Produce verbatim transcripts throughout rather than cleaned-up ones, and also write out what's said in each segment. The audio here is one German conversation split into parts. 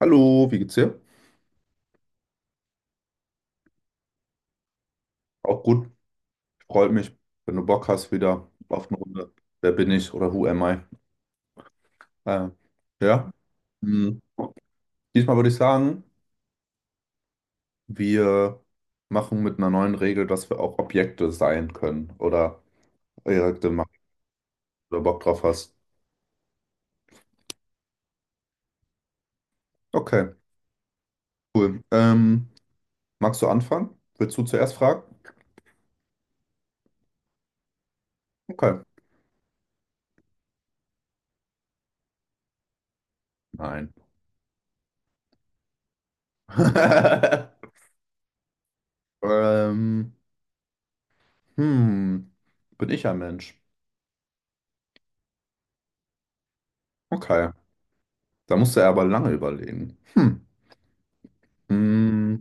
Hallo, wie geht's dir? Auch gut, freut mich, wenn du Bock hast wieder auf eine Runde. Wer bin ich oder who am I? Äh, ja, hm. Diesmal würde ich sagen, wir machen mit einer neuen Regel, dass wir auch Objekte sein können oder direkte machen, wenn du Bock drauf hast. Okay, cool. Ähm, magst du anfangen? Willst du zuerst fragen? Okay. Nein. Ähm, hm, bin ich ein Mensch? Okay, da musst du aber lange überlegen. Hm. Mm.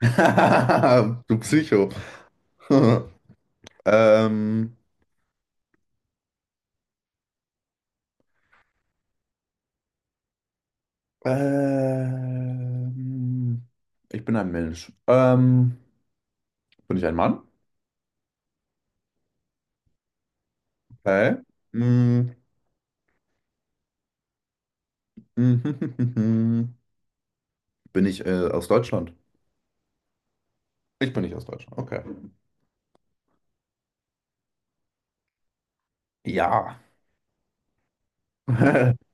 Du Psycho. Ähm, ähm, ich bin ein Mensch. Ähm, bin ich ein Mann? Okay. Mm. mm, Bin ich äh, aus Deutschland? Ich bin nicht aus Deutschland. Okay. Ja.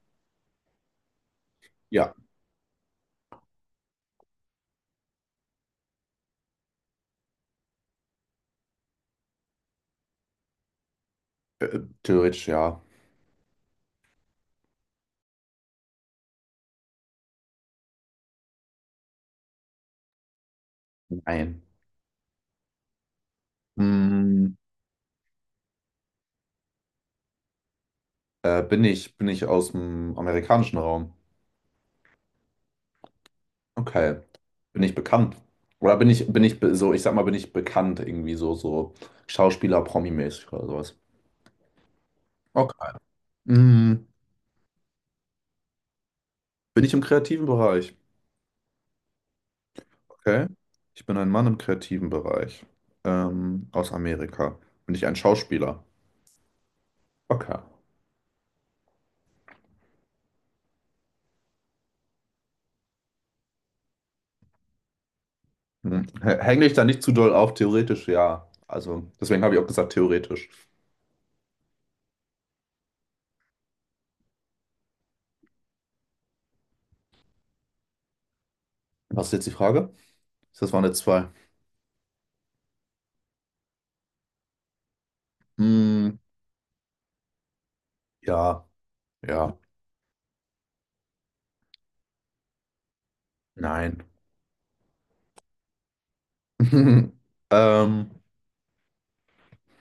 Ja. Äh, theoretisch ja. Nein. Mm. Äh, bin ich, bin ich aus dem amerikanischen Raum? Okay. Bin ich bekannt? Oder bin ich, bin ich be- so, ich sag mal, bin ich bekannt irgendwie so, so Schauspieler-Promi-mäßig oder sowas? Okay. Mm, bin ich im kreativen Bereich? Okay. Ich bin ein Mann im kreativen Bereich. Ähm, aus Amerika. Bin ich ein Schauspieler? Okay. Hm. H- Hänge ich da nicht zu doll auf? Theoretisch ja. Also, deswegen habe ich auch gesagt, theoretisch. Was ist jetzt die Frage? Das waren jetzt zwei. Hm, ja, ja, nein. Ähm,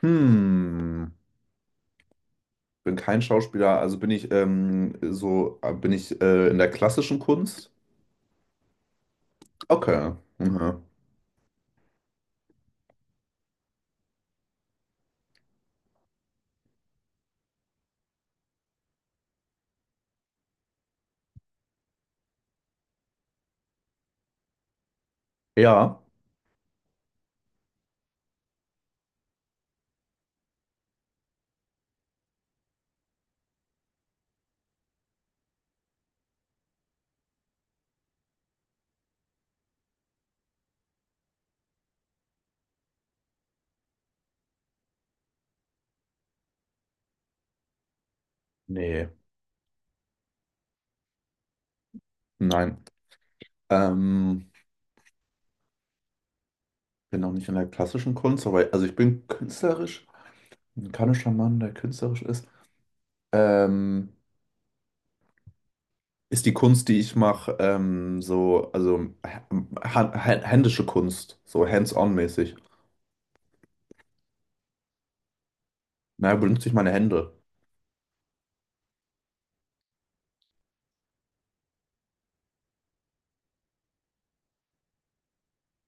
hm. bin kein Schauspieler, also bin ich ähm, so, äh, bin ich äh, in der klassischen Kunst? Okay. Mhm. Ja. Nee. Nein. Ähm, bin auch nicht in der klassischen Kunst, aber also ich bin künstlerisch, ein kanischer Mann, der künstlerisch ist. Ähm, ist die Kunst, die ich mache, ähm, so, also hä- hä- händische Kunst, so hands-on mäßig. Naja, benutze ich meine Hände?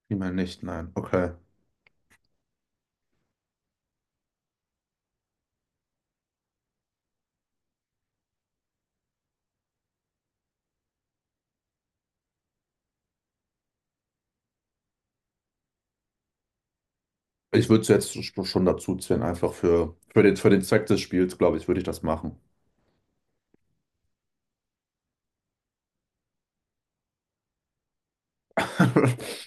Vielmehr nicht, nein. Okay. Ich würde es jetzt sch- schon dazu zählen, einfach für, für den, für den Zweck des Spiels, glaube ich, würde ich das machen.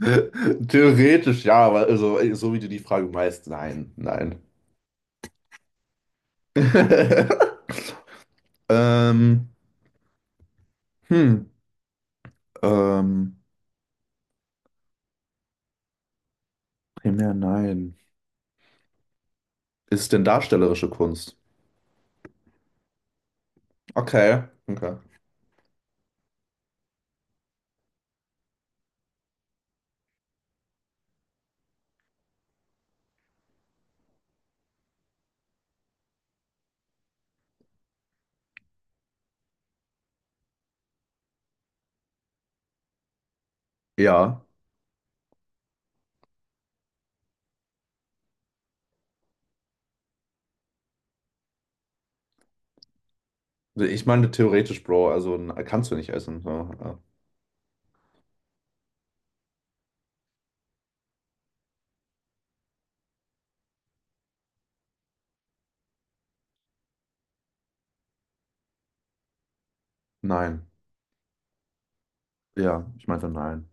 Theoretisch ja, aber also, so wie du die Frage meinst, nein, nein. Ähm, hm, ähm, Primär nein. Ist es denn darstellerische Kunst? Okay, okay. Ja, ich meine theoretisch, Bro, also n- kannst du nicht essen. So. äh, Nein, ja, ich meinte nein.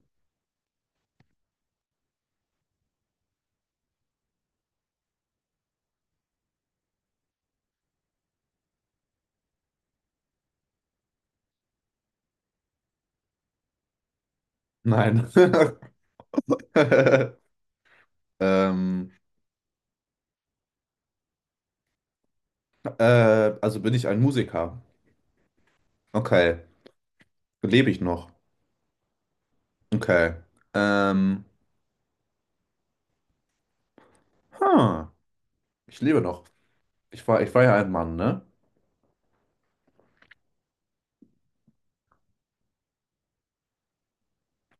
Nein. Ähm, Äh, also bin ich ein Musiker. Okay. Lebe ich noch? Okay. Ähm, huh. Ich lebe noch. Ich war, ich war ja ein Mann, ne?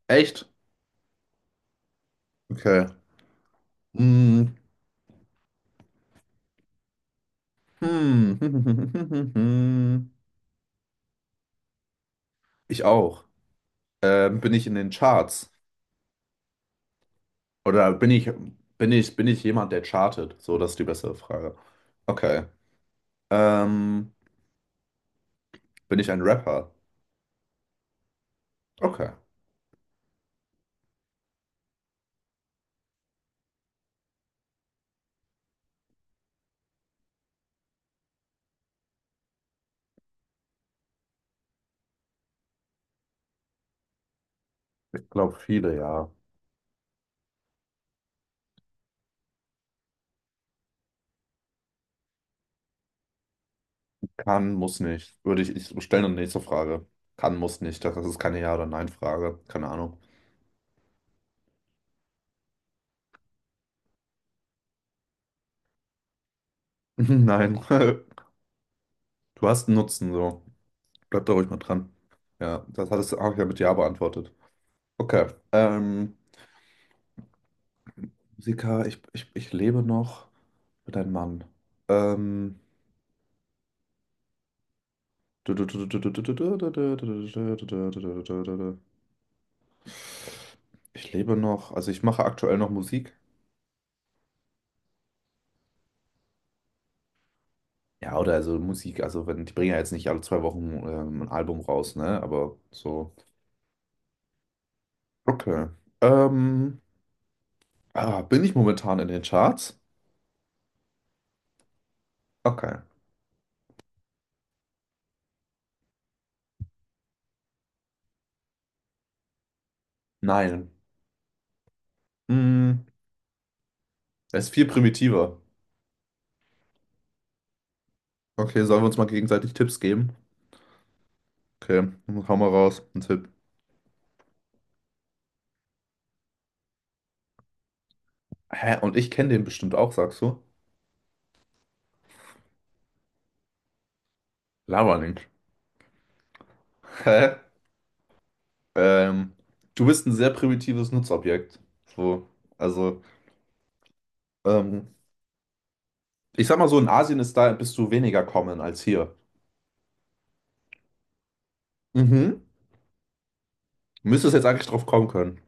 Echt? Okay. Hm. Hm. Ich auch. Ähm, bin ich in den Charts? Oder bin ich, bin ich, bin ich jemand, der chartet? So, das ist die bessere Frage. Okay. Ähm, bin ich ein Rapper? Okay. Ich glaube, viele, ja. Kann, muss nicht. Würde ich, ich stelle eine nächste Frage. Kann, muss nicht. Das ist keine Ja- oder Nein-Frage. Keine Ahnung. Nein. Du hast einen Nutzen, so. Bleib da ruhig mal dran. Ja, das hattest du auch ja mit Ja beantwortet. Okay. Ähm, Musiker, ich, ich, ich lebe noch mit einem Mann. Ähm. Ich lebe noch, also ich mache aktuell noch Musik. Ja, oder also Musik, also wenn die bringen ja jetzt nicht alle zwei Wochen ähm, ein Album raus, ne? Aber so. Okay. Ähm, ah, bin ich momentan in den Charts? Okay. Nein. Hm, es ist viel primitiver. Okay, sollen wir uns mal gegenseitig Tipps geben? Okay, dann hau mal raus, ein Tipp. Hä? Und ich kenne den bestimmt auch, sagst du? Laber nicht. Hä? Ähm, du bist ein sehr primitives Nutzobjekt. So. Also, ähm, ich sag mal so, in Asien ist da bist du weniger common als hier. Mhm. Müsstest jetzt eigentlich drauf kommen können.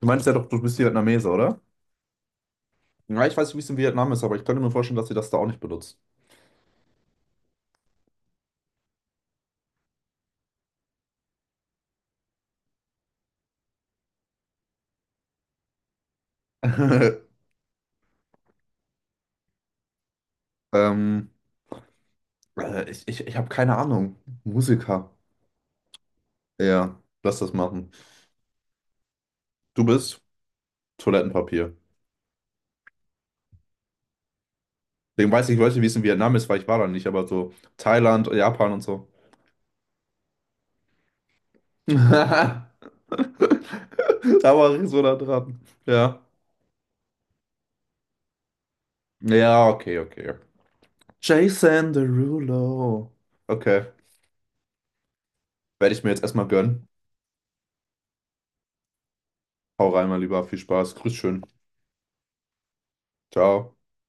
Du meinst ja doch, du bist Vietnamese, oder? Ja, ich weiß nicht, wie es in Vietnam ist, aber ich könnte mir vorstellen, dass sie das da auch nicht benutzt. Ähm, äh, ich ich, ich habe keine Ahnung. Musiker. Ja, lass das machen. Du bist Toilettenpapier. Deswegen weiß ich, Leute, wie es in Vietnam ist, weil ich war da nicht, aber so Thailand, Japan und so. Da war ich so nah dran. Ja. Ja, okay, okay. Jason Derulo. Okay, werde ich mir jetzt erstmal gönnen. Hau rein, mein Lieber. Viel Spaß. Grüß schön. Ciao.